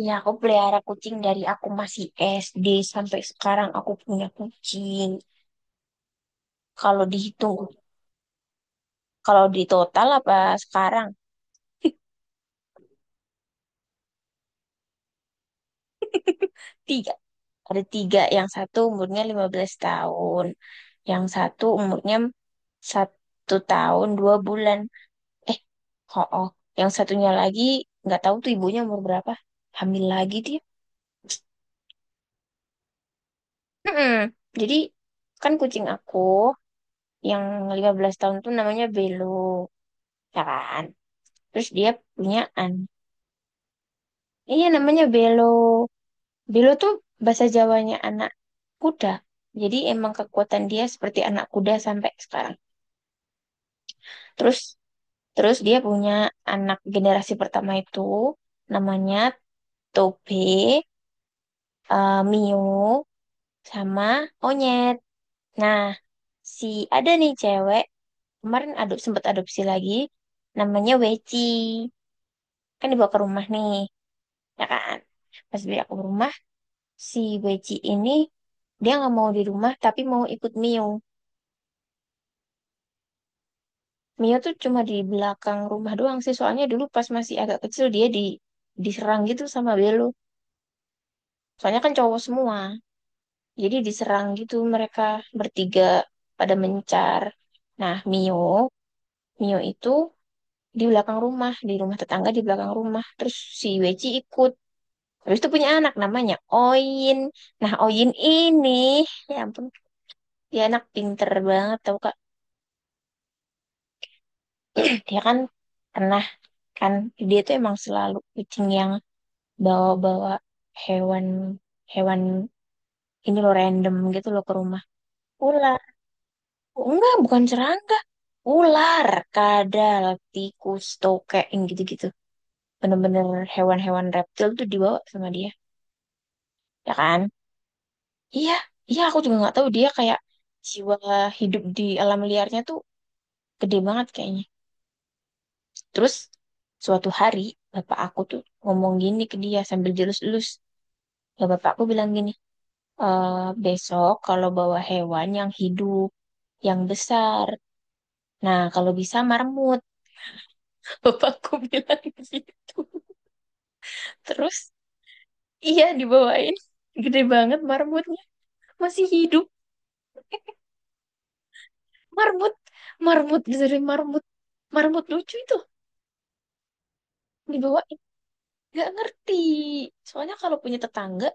Iya, aku pelihara kucing dari aku masih SD sampai sekarang aku punya kucing. Kalau dihitung, kalau di total apa sekarang? Tiga. Ada tiga. Yang satu umurnya 15 tahun. Yang satu umurnya 1 tahun 2 bulan. Eh, oh, oh. Yang satunya lagi nggak tahu tuh ibunya umur berapa. Hamil lagi dia. Mm-mm. Jadi kan kucing aku yang 15 tahun tuh namanya Belo, ya kan? Terus dia punya anak. Iya namanya Belo. Belo tuh bahasa Jawanya anak kuda. Jadi emang kekuatan dia seperti anak kuda sampai sekarang. Terus terus dia punya anak generasi pertama itu namanya Tobe, eh, Mio, sama Onyet. Nah, si ada nih cewek kemarin sempat adopsi lagi namanya Weci. Kan dibawa ke rumah nih, ya kan? Pas beli aku ke rumah si Weji ini dia nggak mau di rumah tapi mau ikut Mio. Mio tuh cuma di belakang rumah doang sih. Soalnya dulu pas masih agak kecil dia diserang gitu sama Belo. Soalnya kan cowok semua. Jadi diserang gitu mereka bertiga pada mencar. Nah, Mio, Mio itu di belakang rumah, di rumah tetangga di belakang rumah. Terus si Weji ikut. Habis itu punya anak namanya Oin. Nah, Oin ini, ya ampun, dia anak pinter banget tau, Kak. Dia kan pernah kan dia tuh emang selalu kucing yang bawa-bawa hewan, hewan ini loh random gitu loh ke rumah. Ular. Oh, enggak, bukan serangga. Ular, kadal, tikus, tokek, yang gitu-gitu, bener-bener hewan-hewan reptil tuh dibawa sama dia, ya kan? Iya, iya, aku juga nggak tahu, dia kayak jiwa hidup di alam liarnya tuh gede banget kayaknya. Terus suatu hari bapak aku tuh ngomong gini ke dia sambil jelus-jelus. Ya bapakku bilang gini, "Eh, besok kalau bawa hewan yang hidup, yang besar. Nah, kalau bisa marmut." Bapakku bilang gitu. Terus, iya dibawain. Gede banget marmutnya. Masih hidup. Marmut. Marmut. Dari marmut. Marmut lucu itu. Dibawain. Nggak ngerti. Soalnya kalau punya tetangga,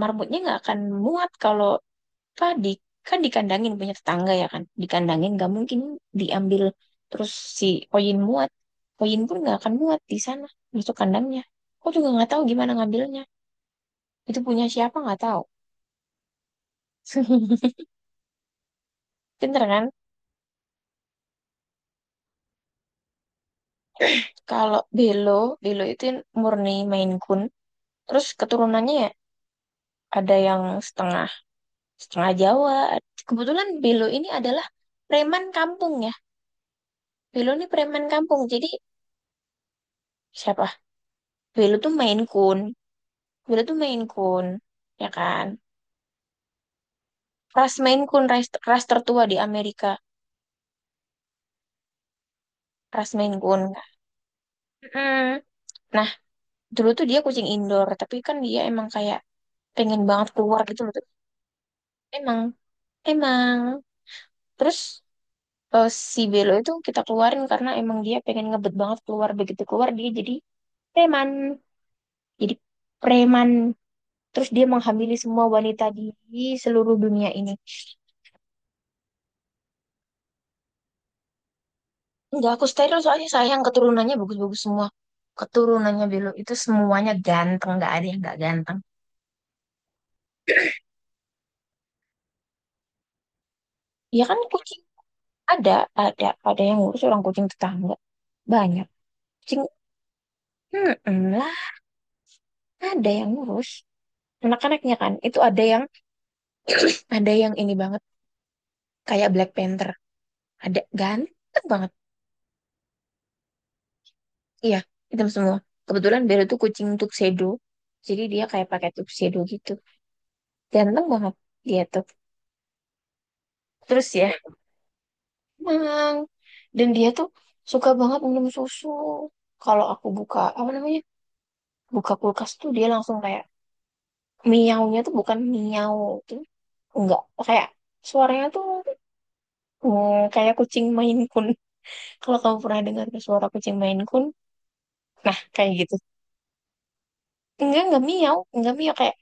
marmutnya nggak akan muat kalau apa di, kan dikandangin punya tetangga, ya kan, dikandangin, nggak mungkin diambil. Terus si koin muat, koin pun nggak akan muat di sana masuk kandangnya. Aku juga nggak tahu gimana ngambilnya, itu punya siapa nggak tahu. Pinter kan. Kalau Belo, Belo itu murni Maine Coon. Terus keturunannya ya ada yang setengah, setengah Jawa. Kebetulan Belo ini adalah preman kampung, ya. Belo ini preman kampung jadi siapa, Belo tuh Maine Coon. Dulu tuh Maine Coon, ya kan? Ras Maine Coon, ras, ras tertua di Amerika. Ras Maine Coon. Mm. Nah, dulu tuh dia kucing indoor, tapi kan dia emang kayak pengen banget keluar gitu loh. Emang, emang. Terus eh, Si Belo itu kita keluarin karena emang dia pengen ngebet banget keluar. Begitu keluar dia jadi preman. Jadi preman. Terus dia menghamili semua wanita di seluruh dunia ini. Enggak, aku steril soalnya sayang, keturunannya bagus-bagus semua. Keturunannya Belo itu semuanya ganteng, nggak ada yang nggak ganteng. Ya kan kucing ada, ada, ada yang ngurus, orang kucing tetangga. Banyak. Kucing, hmm, lah, ada yang ngurus. Anak-anaknya kan, itu ada yang ini banget, kayak Black Panther. Ada, ganteng banget. Iya, hitam semua. Kebetulan Belo tuh kucing tuxedo. Jadi dia kayak pakai tuxedo gitu. Ganteng banget dia tuh. Terus ya, emang. Dan dia tuh suka banget minum susu. Kalau aku buka, apa namanya? Buka kulkas tuh dia langsung kayak miaunya tuh bukan miau tuh. Enggak, kayak suaranya tuh, mm, kayak kucing Maine Coon. Kalau kamu pernah dengar suara kucing Maine Coon, nah kayak gitu. Enggak miau kayak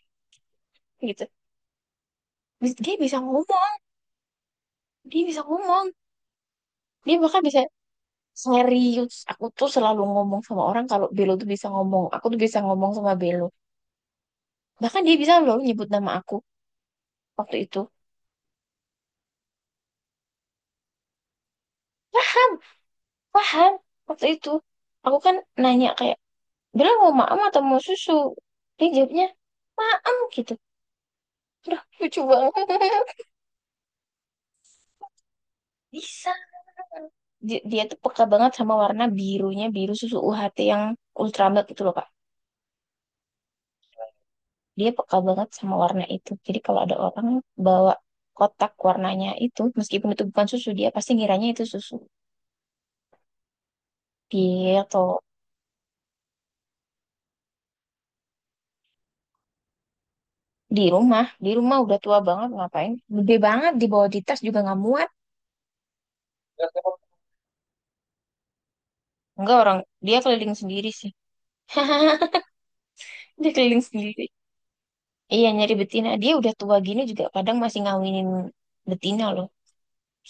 gitu. Dia bisa ngomong, dia bisa ngomong. Dia bahkan bisa serius. Aku tuh selalu ngomong sama orang kalau Belo tuh bisa ngomong. Aku tuh bisa ngomong sama Belo. Bahkan dia bisa loh nyebut nama aku. Waktu itu paham, paham. Waktu itu aku kan nanya kayak, "Bella mau maem atau mau susu?" Dia jawabnya maem gitu. Udah lucu banget. Bisa dia, dia tuh peka banget sama warna birunya, biru susu UHT yang ultra milk itu loh kak. Dia peka banget sama warna itu, jadi kalau ada orang bawa kotak warnanya itu meskipun itu bukan susu dia pasti ngiranya itu susu. Dia atau di rumah, di rumah udah tua banget ngapain, gede banget dibawa di tas juga nggak muat. Enggak, orang dia keliling sendiri sih. Dia keliling sendiri. Iya nyari betina. Dia udah tua gini juga kadang masih ngawinin betina loh.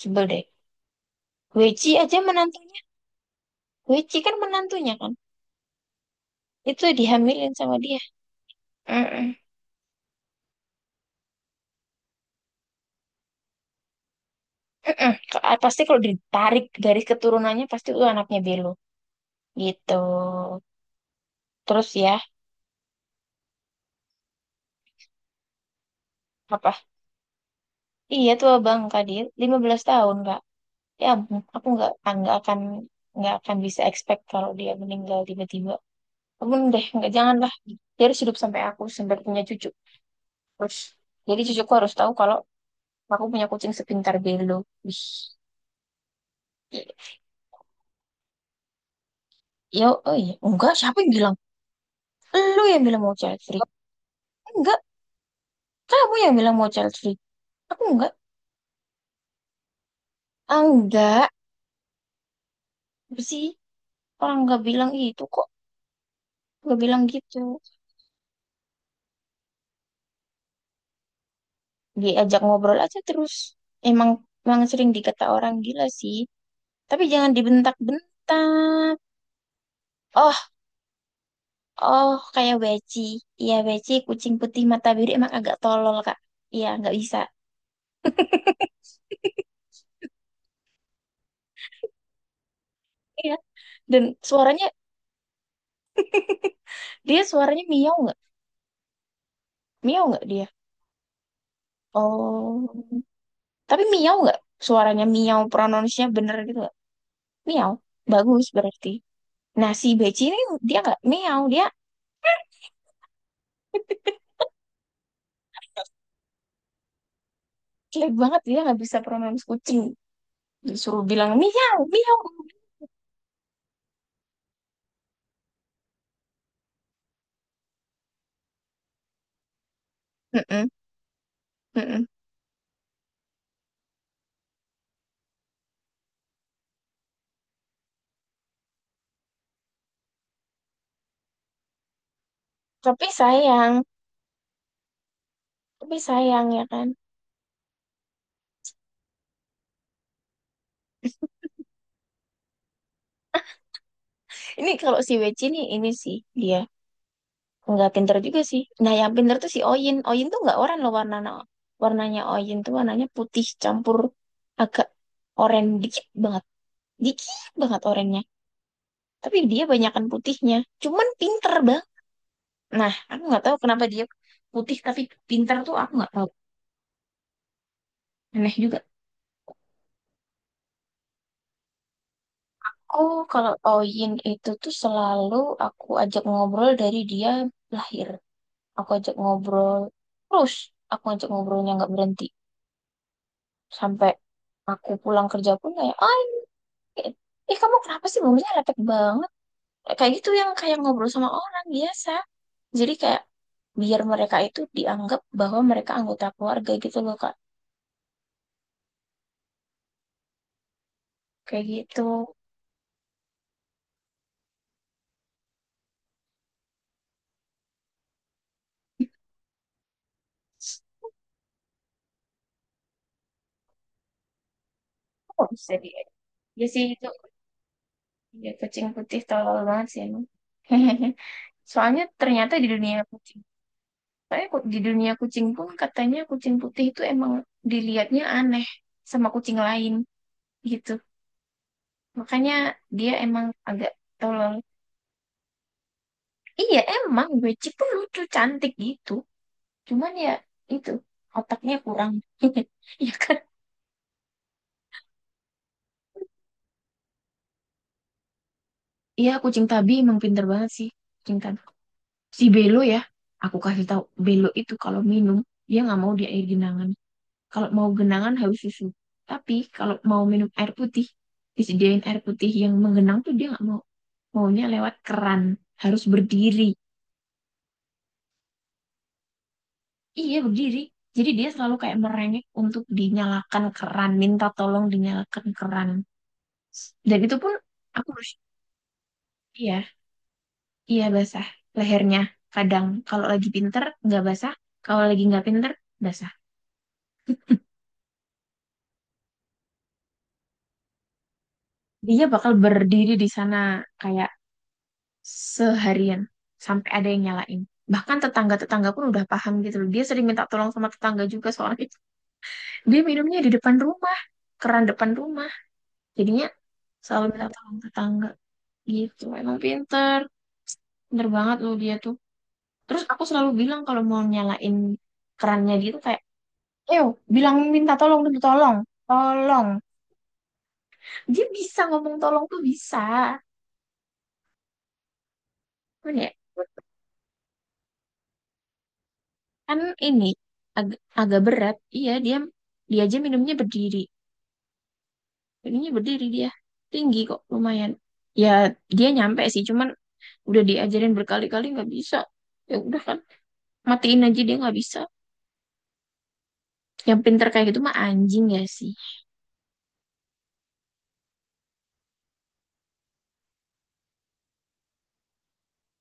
Sebel deh. Weci aja menantunya. Weci kan menantunya kan. Itu dihamilin sama dia. Mm-mm. Mm-mm. Pasti kalau ditarik garis keturunannya pasti itu anaknya Belo. Gitu. Terus ya apa? Iya, tua bang Kadir 15 tahun Kak. Ya ampun, aku nggak ah, nggak akan bisa expect kalau dia meninggal tiba-tiba. Belum deh, nggak, janganlah. Dia harus hidup sampai aku sampai punya cucu. Terus jadi cucuku harus tahu kalau aku punya kucing sepintar Belo. Wih, i- ya, oh iya, enggak, siapa yang bilang? Lu yang bilang mau child free, enggak, kamu yang bilang mau child free, aku enggak. Ah, enggak, apa sih, orang enggak bilang itu kok. Enggak bilang gitu. Diajak ngobrol aja terus, emang, emang sering dikata orang gila sih, tapi jangan dibentak-bentak. Oh, kayak Weci. Iya, Weci, kucing putih mata biru emang agak tolol, Kak. Iya, nggak bisa. Iya. Dan suaranya, dia suaranya miau nggak? Miau nggak dia? Oh. Tapi miau nggak? Suaranya miau, pronounce-nya bener gitu nggak? Miau. Bagus berarti. Nah, si beci ini dia nggak miau. Dia jelek banget. Dia nggak bisa pronounce kucing. Disuruh bilang miau, miau. Mm-mm, mm-mm. Tapi sayang. Tapi sayang ya kan. Ini kalau si Weci ini sih. Dia nggak pinter juga sih. Nah, yang pinter tuh si Oyin. Oyin tuh nggak oranye loh warnanya. Warnanya Oyin tuh warnanya putih campur agak oranye dikit banget. Dikit banget oranye. Tapi dia banyakan putihnya. Cuman pinter bang. Nah, aku nggak tahu kenapa dia putih tapi pinter tuh aku nggak tahu. Aneh juga. Oh, kalau Oyin itu tuh selalu aku ajak ngobrol dari dia lahir. Aku ajak ngobrol terus. Aku ajak ngobrolnya nggak berhenti. Sampai aku pulang kerja pun kayak, eh, eh, kamu kenapa sih bumbunya lepek banget? Kayak gitu, yang kayak ngobrol sama orang biasa. Jadi kayak biar mereka itu dianggap bahwa mereka anggota keluarga gitu loh, Kak. Kayak gitu. Oh, bisa dia. Ya sih itu ya, kucing putih tolol banget sih emang. Soalnya ternyata di dunia kucing, di dunia kucing pun katanya kucing putih itu emang dilihatnya aneh sama kucing lain gitu. Makanya dia emang agak tolol. Iya, emang Wecik tuh lucu, cantik gitu. Cuman ya itu, otaknya kurang. Iya kan? Iya, kucing tabi emang pinter banget sih. Kucing tabi. Si Belo ya, aku kasih tahu Belo itu kalau minum, dia nggak mau di air genangan. Kalau mau genangan harus susu. Tapi kalau mau minum air putih, disediain air putih yang menggenang tuh dia nggak mau. Maunya lewat keran, harus berdiri. Iya, berdiri. Jadi dia selalu kayak merengek untuk dinyalakan keran, minta tolong dinyalakan keran. Dan itu pun aku harus, iya, iya basah lehernya. Kadang kalau lagi pinter nggak basah, kalau lagi nggak pinter basah. Dia bakal berdiri di sana kayak seharian sampai ada yang nyalain. Bahkan tetangga-tetangga pun udah paham gitu loh. Dia sering minta tolong sama tetangga juga soalnya dia minumnya di depan rumah, keran depan rumah. Jadinya selalu minta tolong tetangga gitu. Emang pinter, pinter banget loh dia tuh. Terus aku selalu bilang kalau mau nyalain kerannya gitu kayak, "Ayo, bilang minta tolong dulu, tolong." Tolong. Dia bisa ngomong tolong tuh bisa. Cuman ya, kan ini agak berat. Iya, dia dia aja minumnya berdiri. Minumnya berdiri dia. Tinggi kok, lumayan. Ya, dia nyampe sih, cuman udah diajarin berkali-kali nggak bisa. Ya udah kan, matiin aja dia nggak bisa. Yang pinter kayak gitu mah anjing ya sih.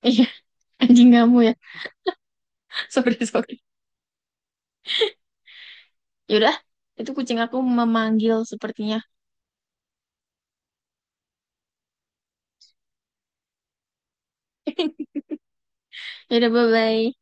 Iya, anjing kamu ya. Sorry, sorry. Yaudah, itu kucing aku memanggil sepertinya. Yaudah, bye-bye.